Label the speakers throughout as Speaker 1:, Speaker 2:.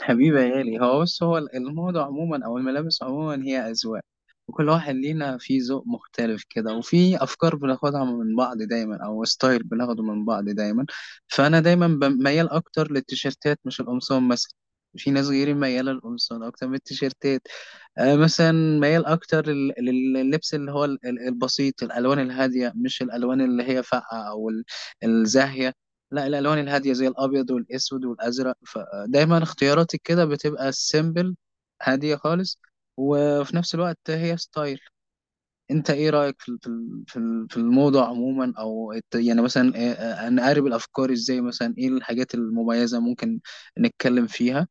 Speaker 1: حبيبي يا غالي، هو الموضة عموما أو الملابس عموما هي أذواق، وكل واحد لينا فيه ذوق مختلف كده، وفي أفكار بناخدها من بعض دايما أو ستايل بناخده من بعض دايما. فأنا دايما ميال أكتر للتيشيرتات، مش القمصان مثلا. في ناس غيري ميالة للقمصان أكتر من التيشيرتات. مثلا ميال أكتر لل- لللبس اللي هو ال- ال- البسيط، الألوان الهادية، مش الألوان اللي هي فاقعة الزاهية. لا، الالوان الهاديه زي الابيض والاسود والازرق، فدايما اختياراتي كده بتبقى سيمبل، هاديه خالص، وفي نفس الوقت هي ستايل. انت ايه رايك في الموضه عموما، يعني مثلا نقارب الافكار ازاي؟ مثلا ايه الحاجات المميزه ممكن نتكلم فيها؟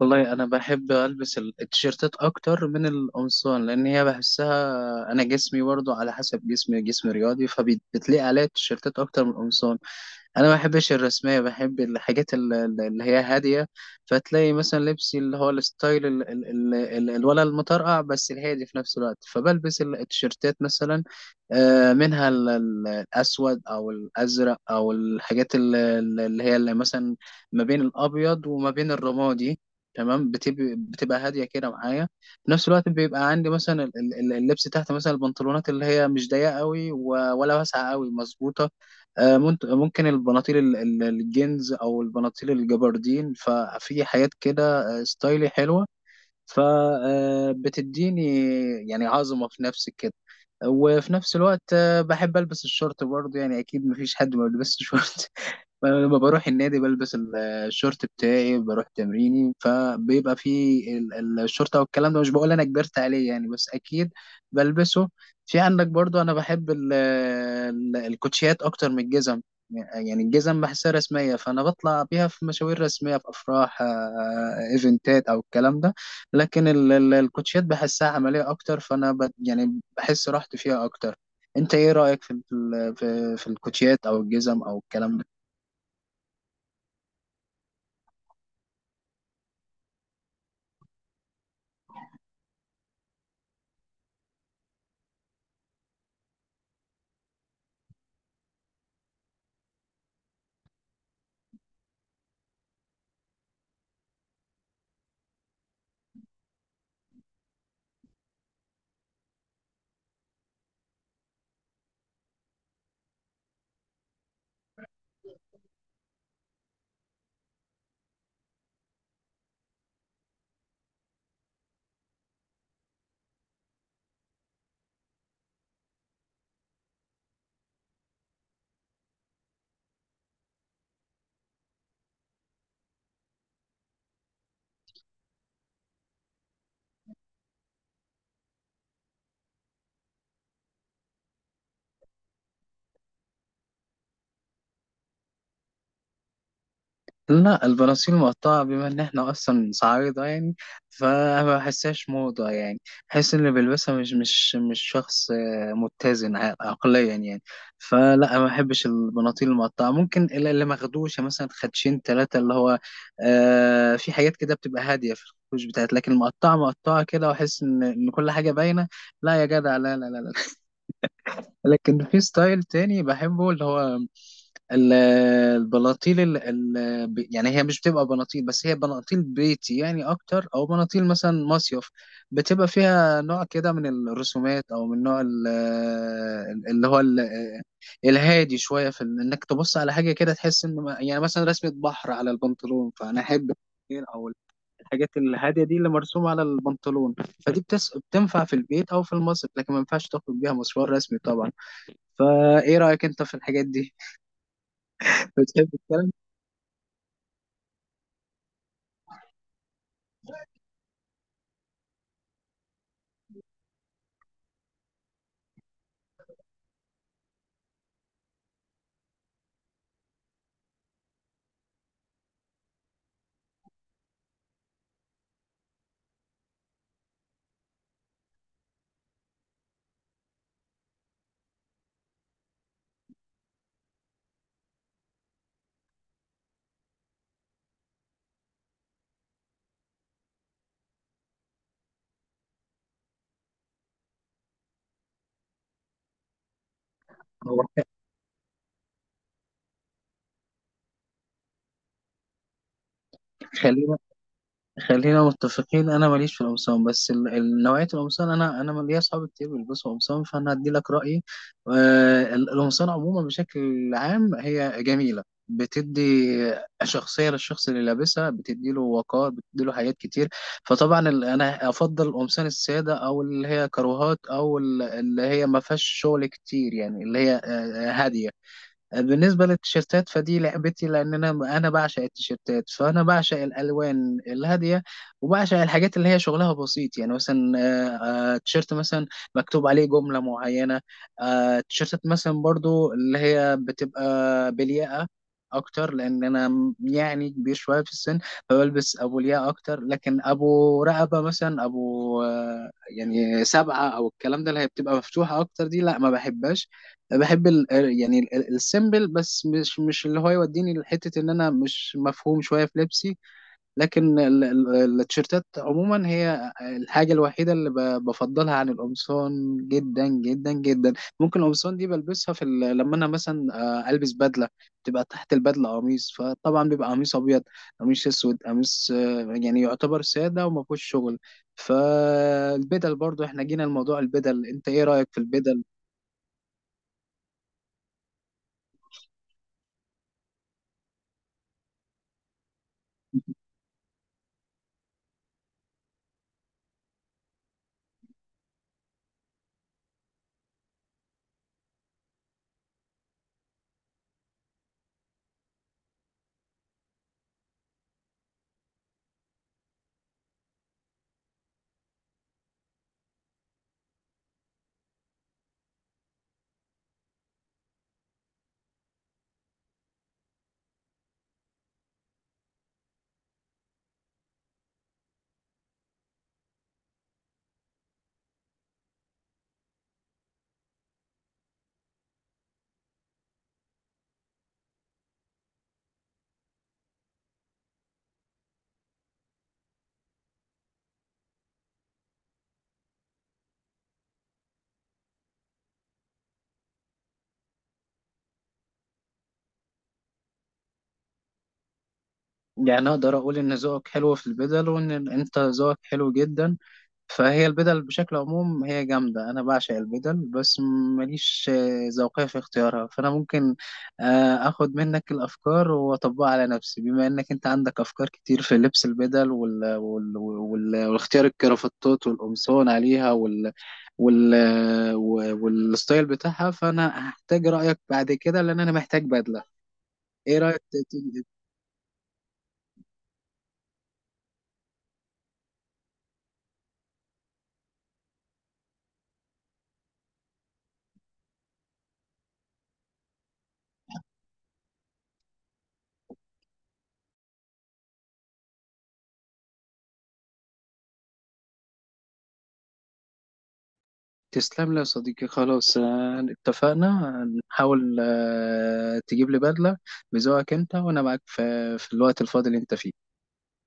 Speaker 1: والله انا بحب البس التيشيرتات اكتر من القمصان، لان هي بحسها، انا جسمي برضو على حسب جسمي جسم رياضي، فبتلاقي عليا التيشيرتات اكتر من القمصان. انا ما بحبش الرسميه، بحب الحاجات اللي هي هاديه. فتلاقي مثلا لبسي اللي هو الستايل الولا المطرقع بس الهادي في نفس الوقت، فبلبس التيشيرتات مثلا. منها الاسود او الازرق، او الحاجات اللي مثلا ما بين الابيض وما بين الرمادي. تمام، بتبقى هاديه كده معايا. في نفس الوقت بيبقى عندي مثلا اللبس تحت، مثلا البنطلونات اللي هي مش ضيقه قوي ولا واسعه قوي، مظبوطه. ممكن البناطيل الجينز او البناطيل الجبردين، ففي حاجات كده ستايلي حلوه، فبتديني يعني عظمة في نفسي كده. وفي نفس الوقت، بحب ألبس الشورت برضه. يعني أكيد مفيش حد ما بيلبسش شورت. لما بروح النادي، بلبس الشورت بتاعي، بروح تمريني، فبيبقى فيه الشورت او الكلام ده. مش بقول انا كبرت عليه يعني، بس اكيد بلبسه. في عندك برضو، انا بحب الكوتشيات اكتر من الجزم. يعني الجزم بحسها رسمية، فانا بطلع بيها في مشاوير رسمية، في افراح، ايفنتات او الكلام ده. لكن الكوتشيات بحسها عملية أكتر، فأنا يعني بحس راحتي فيها أكتر. أنت إيه رأيك في ال- في في الكوتشيات أو الجزم أو الكلام ده؟ لا، البناطيل مقطعة، بما إن إحنا أصلا صعايدة يعني، فما بحسهاش موضة يعني. بحس إن اللي بيلبسها مش شخص متزن عقليا يعني. فلا، ما بحبش البناطيل المقطعة. ممكن اللي مخدوشة مثلا خدشين تلاتة، اللي هو آه في حاجات كده بتبقى هادية في الخدوش بتاعت. لكن المقطعة مقطعة كده، وأحس إن كل حاجة باينة. لا يا جدع، لا لا لا لا. لكن في ستايل تاني بحبه، اللي هو ال- البناطيل يعني هي مش بتبقى بناطيل بس، هي بناطيل بيتي يعني اكتر، او بناطيل مثلا مصيف. بتبقى فيها نوع كده من الرسومات، او من نوع ال... اللي هو ال... الهادي شويه انك تبص على حاجه كده تحس ان ما- يعني مثلا رسمه بحر على البنطلون، فانا احب او الحاجات الهاديه دي اللي مرسومه على البنطلون. بتنفع في البيت او في المصيف، لكن ما ينفعش تخرج بيها مشوار رسمي طبعا. فايه رايك انت في الحاجات دي؟ بتحب؟ هو خ- خلينا خلينا متفقين، انا ماليش في القمصان، بس نوعيه القمصان، انا ليا اصحابي كتير بيلبسوا قمصان، فانا هدي لك رايي. القمصان عموما بشكل عام هي جميله، بتدي شخصيه للشخص اللي لابسها، بتدي له وقار، بتدي له حاجات كتير. فطبعا انا افضل القمصان الساده، او اللي هي كروهات، اللي هي ما فيهاش شغل كتير، يعني اللي هي هاديه. بالنسبة للتيشيرتات، فدي لعبتي، لأن أنا بعشق التيشيرتات، فأنا بعشق الألوان الهادية، وبعشق الحاجات اللي هي شغلها بسيط. يعني مثلا تيشيرت مثلا مكتوب عليه جملة معينة. تيشيرتات مثلا برضو اللي هي بتبقى بلياقة أكتر، لأن أنا يعني كبير شوية في السن، فبلبس أبو لياقة أكتر. لكن أبو رقبة مثلا، أبو يعني سبعة، أو الكلام ده اللي هي بتبقى مفتوحة أكتر، دي لا، ما بحبهاش. بحب ال يعني السيمبل، بس مش مش اللي هو يوديني لحتة ان انا مش مفهوم شوية في لبسي. لكن التيشيرتات عموما هي الحاجة الوحيدة اللي بفضلها عن القمصان، جدا جدا جدا. ممكن القمصان دي بلبسها لما انا مثلا البس بدلة، تبقى تحت البدلة قميص، فطبعا بيبقى قميص ابيض، قميص اسود، قميص يعني يعتبر سادة وما فيهوش شغل. فالبدل برضو، احنا جينا لموضوع البدل، انت ايه رأيك في البدل؟ يعني أقدر أقول إن ذوقك حلو في البدل، وإن أنت ذوقك حلو جدا. فهي البدل بشكل عموم هي جامدة، أنا بعشق البدل، بس ماليش ذوقية في اختيارها. فأنا ممكن آخد منك الأفكار وأطبقها على نفسي، بما إنك أنت عندك أفكار كتير في لبس البدل والاختيار، الكرافتات والقمصان عليها وال... والستايل بتاعها. فأنا هحتاج رأيك بعد كده، لأن أنا محتاج بدلة. إيه رأيك؟ تسلم لي يا صديقي. خلاص، اتفقنا، هنحاول تجيب لي بدلة بذوقك انت، وانا معاك في في الوقت الفاضي اللي انت فيه.